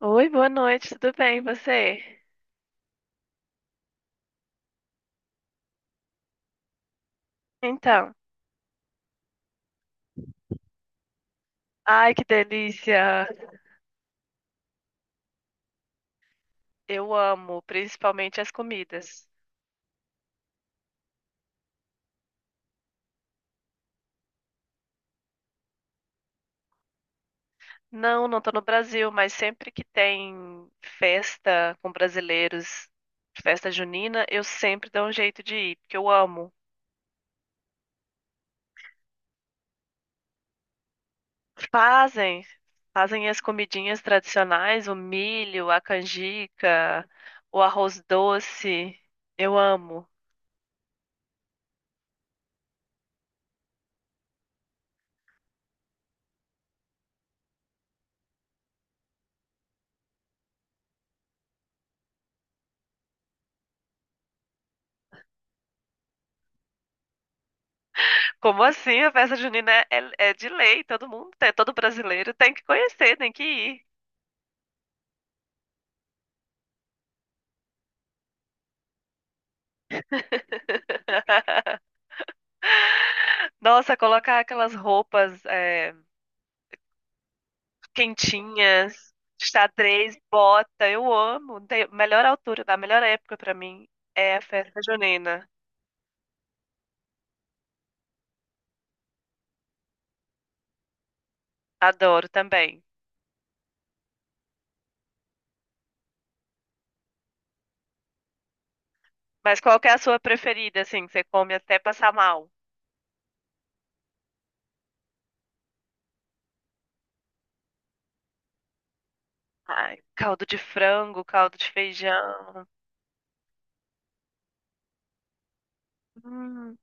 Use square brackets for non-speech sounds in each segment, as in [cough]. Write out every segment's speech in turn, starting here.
Oi, boa noite, tudo bem, e você? Então, ai que delícia! Eu amo, principalmente as comidas. Não, tô no Brasil, mas sempre que tem festa com brasileiros, festa junina, eu sempre dou um jeito de ir, porque eu amo. Fazem, fazem as comidinhas tradicionais, o milho, a canjica, o arroz doce. Eu amo. Como assim? A festa junina é de lei, todo mundo, todo brasileiro tem que conhecer, tem que ir. [laughs] Nossa, colocar aquelas roupas é, quentinhas, xadrez, bota, eu amo. Melhor altura, a melhor época pra mim é a festa junina. Adoro também. Mas qual que é a sua preferida, assim, que você come até passar mal? Ai, caldo de frango, caldo de feijão. Hum.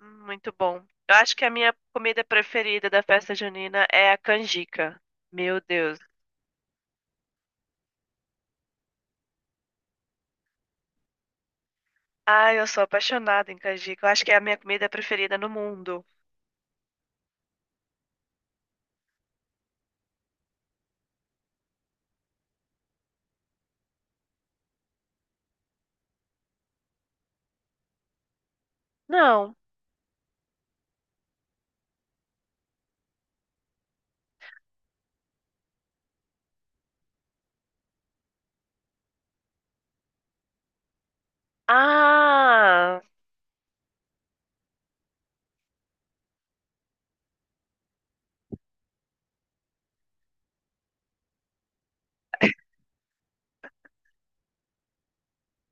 Muito bom. Eu acho que a minha comida preferida da festa junina é a canjica. Meu Deus. Ai, eu sou apaixonada em canjica. Eu acho que é a minha comida preferida no mundo. Não. Ah,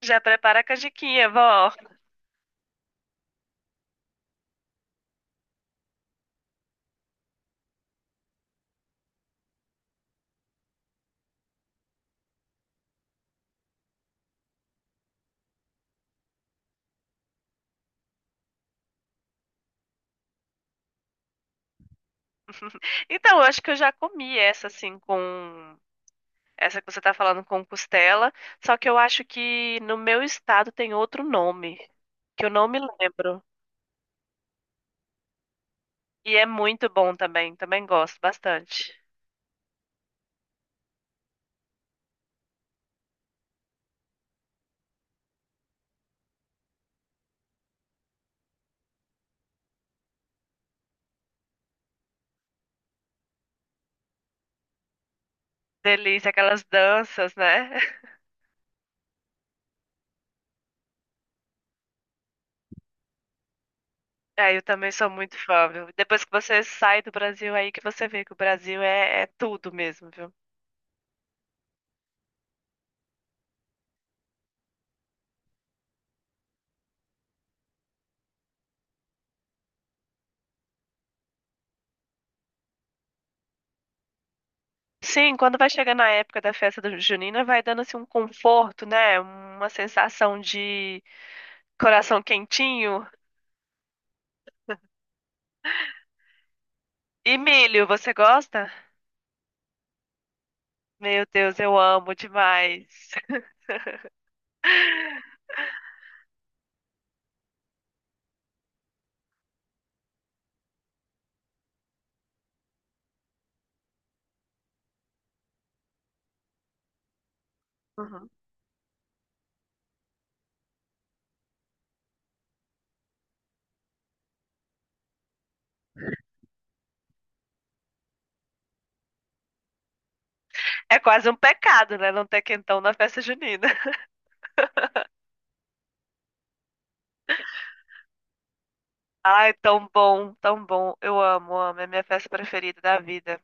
já prepara a canjiquinha, vó. Então, eu acho que eu já comi essa assim com essa que você tá falando com costela, só que eu acho que no meu estado tem outro nome, que eu não me lembro. E é muito bom também, também gosto bastante. Delícia, aquelas danças, né? É, eu também sou muito fã, viu? Depois que você sai do Brasil, aí que você vê que o Brasil é tudo mesmo, viu? Sim, quando vai chegando a época da festa do junina, vai dando assim um conforto, né? Uma sensação de coração quentinho. E milho, você gosta? Meu Deus, eu amo demais. Uhum. É quase um pecado, né? Não ter quentão na festa junina. [laughs] Ai, tão bom, tão bom. Eu amo, amo. É a minha festa preferida da vida.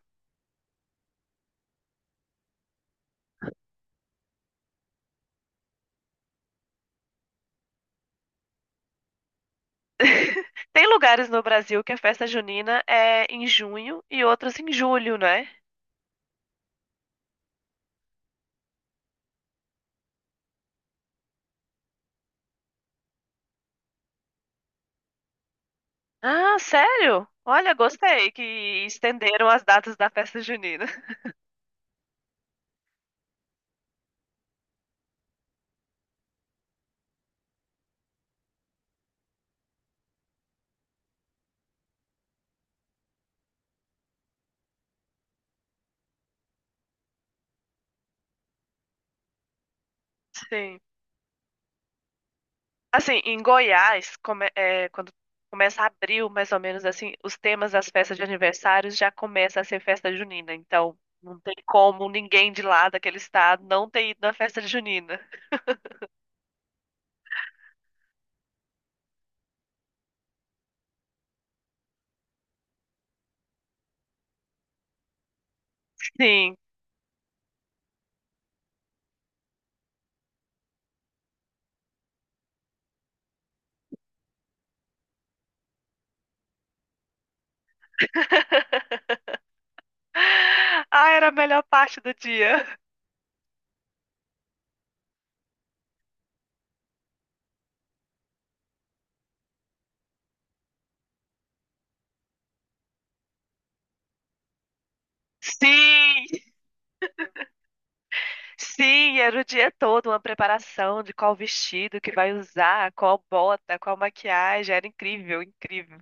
[laughs] Tem lugares no Brasil que a festa junina é em junho e outros em julho, né? Ah, sério? Olha, gostei que estenderam as datas da festa junina. [laughs] Sim. Assim, em Goiás, é, quando começa abril, mais ou menos assim, os temas das festas de aniversário já começa a ser festa junina. Então, não tem como ninguém de lá daquele estado não ter ido na festa junina. Sim. [laughs] Ah, era a melhor parte do dia. Sim, Sim, era o dia todo uma preparação de qual vestido que vai usar, qual bota, qual maquiagem. Era incrível, incrível.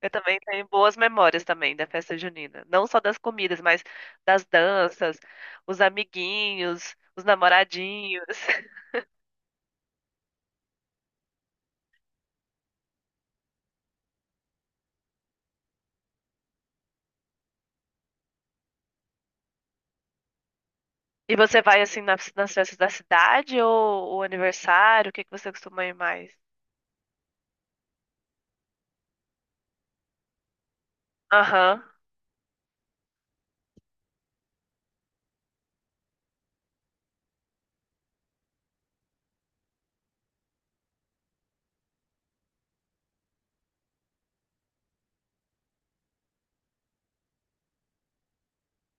Eu também tenho boas memórias também da festa junina. Não só das comidas, mas das danças, os amiguinhos, os namoradinhos. [laughs] E você vai assim nas, nas festas da cidade ou o aniversário? O que que você costuma ir mais? Aham.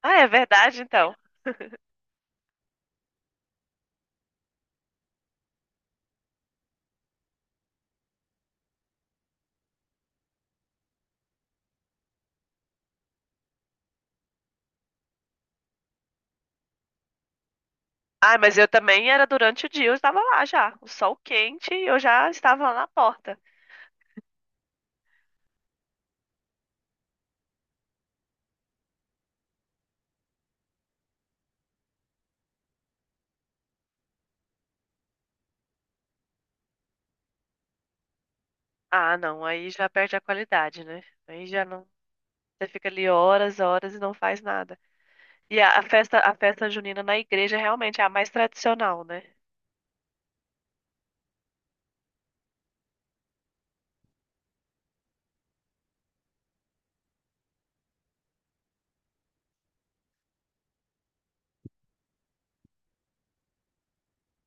Ah, é verdade então. Ah, mas eu também era durante o dia, eu estava lá já. O sol quente e eu já estava lá na porta. Ah, não, aí já perde a qualidade, né? Aí já não. Você fica ali horas, horas e não faz nada. E a festa junina na igreja realmente é a mais tradicional, né?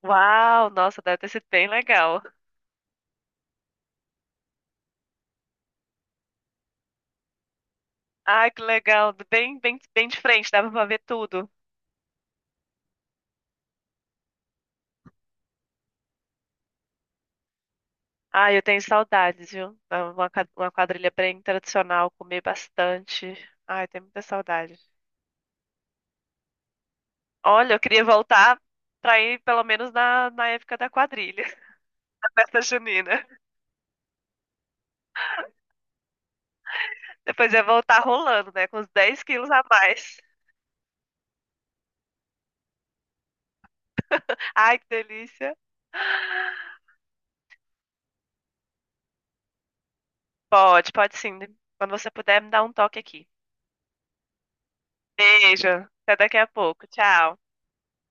Uau, nossa, deve ter sido bem legal. Ah, que legal, bem de frente, dava pra ver tudo. Ah, eu tenho saudades, viu? Uma quadrilha bem tradicional, comer bastante. Ai, tenho muita saudade. Olha, eu queria voltar pra ir pelo menos na época da quadrilha, [laughs] da festa junina. Depois ia voltar rolando, né? Com uns 10 quilos a mais. Ai, que delícia. Pode, pode sim. Quando você puder, me dá um toque aqui. Beijo. Até daqui a pouco. Tchau.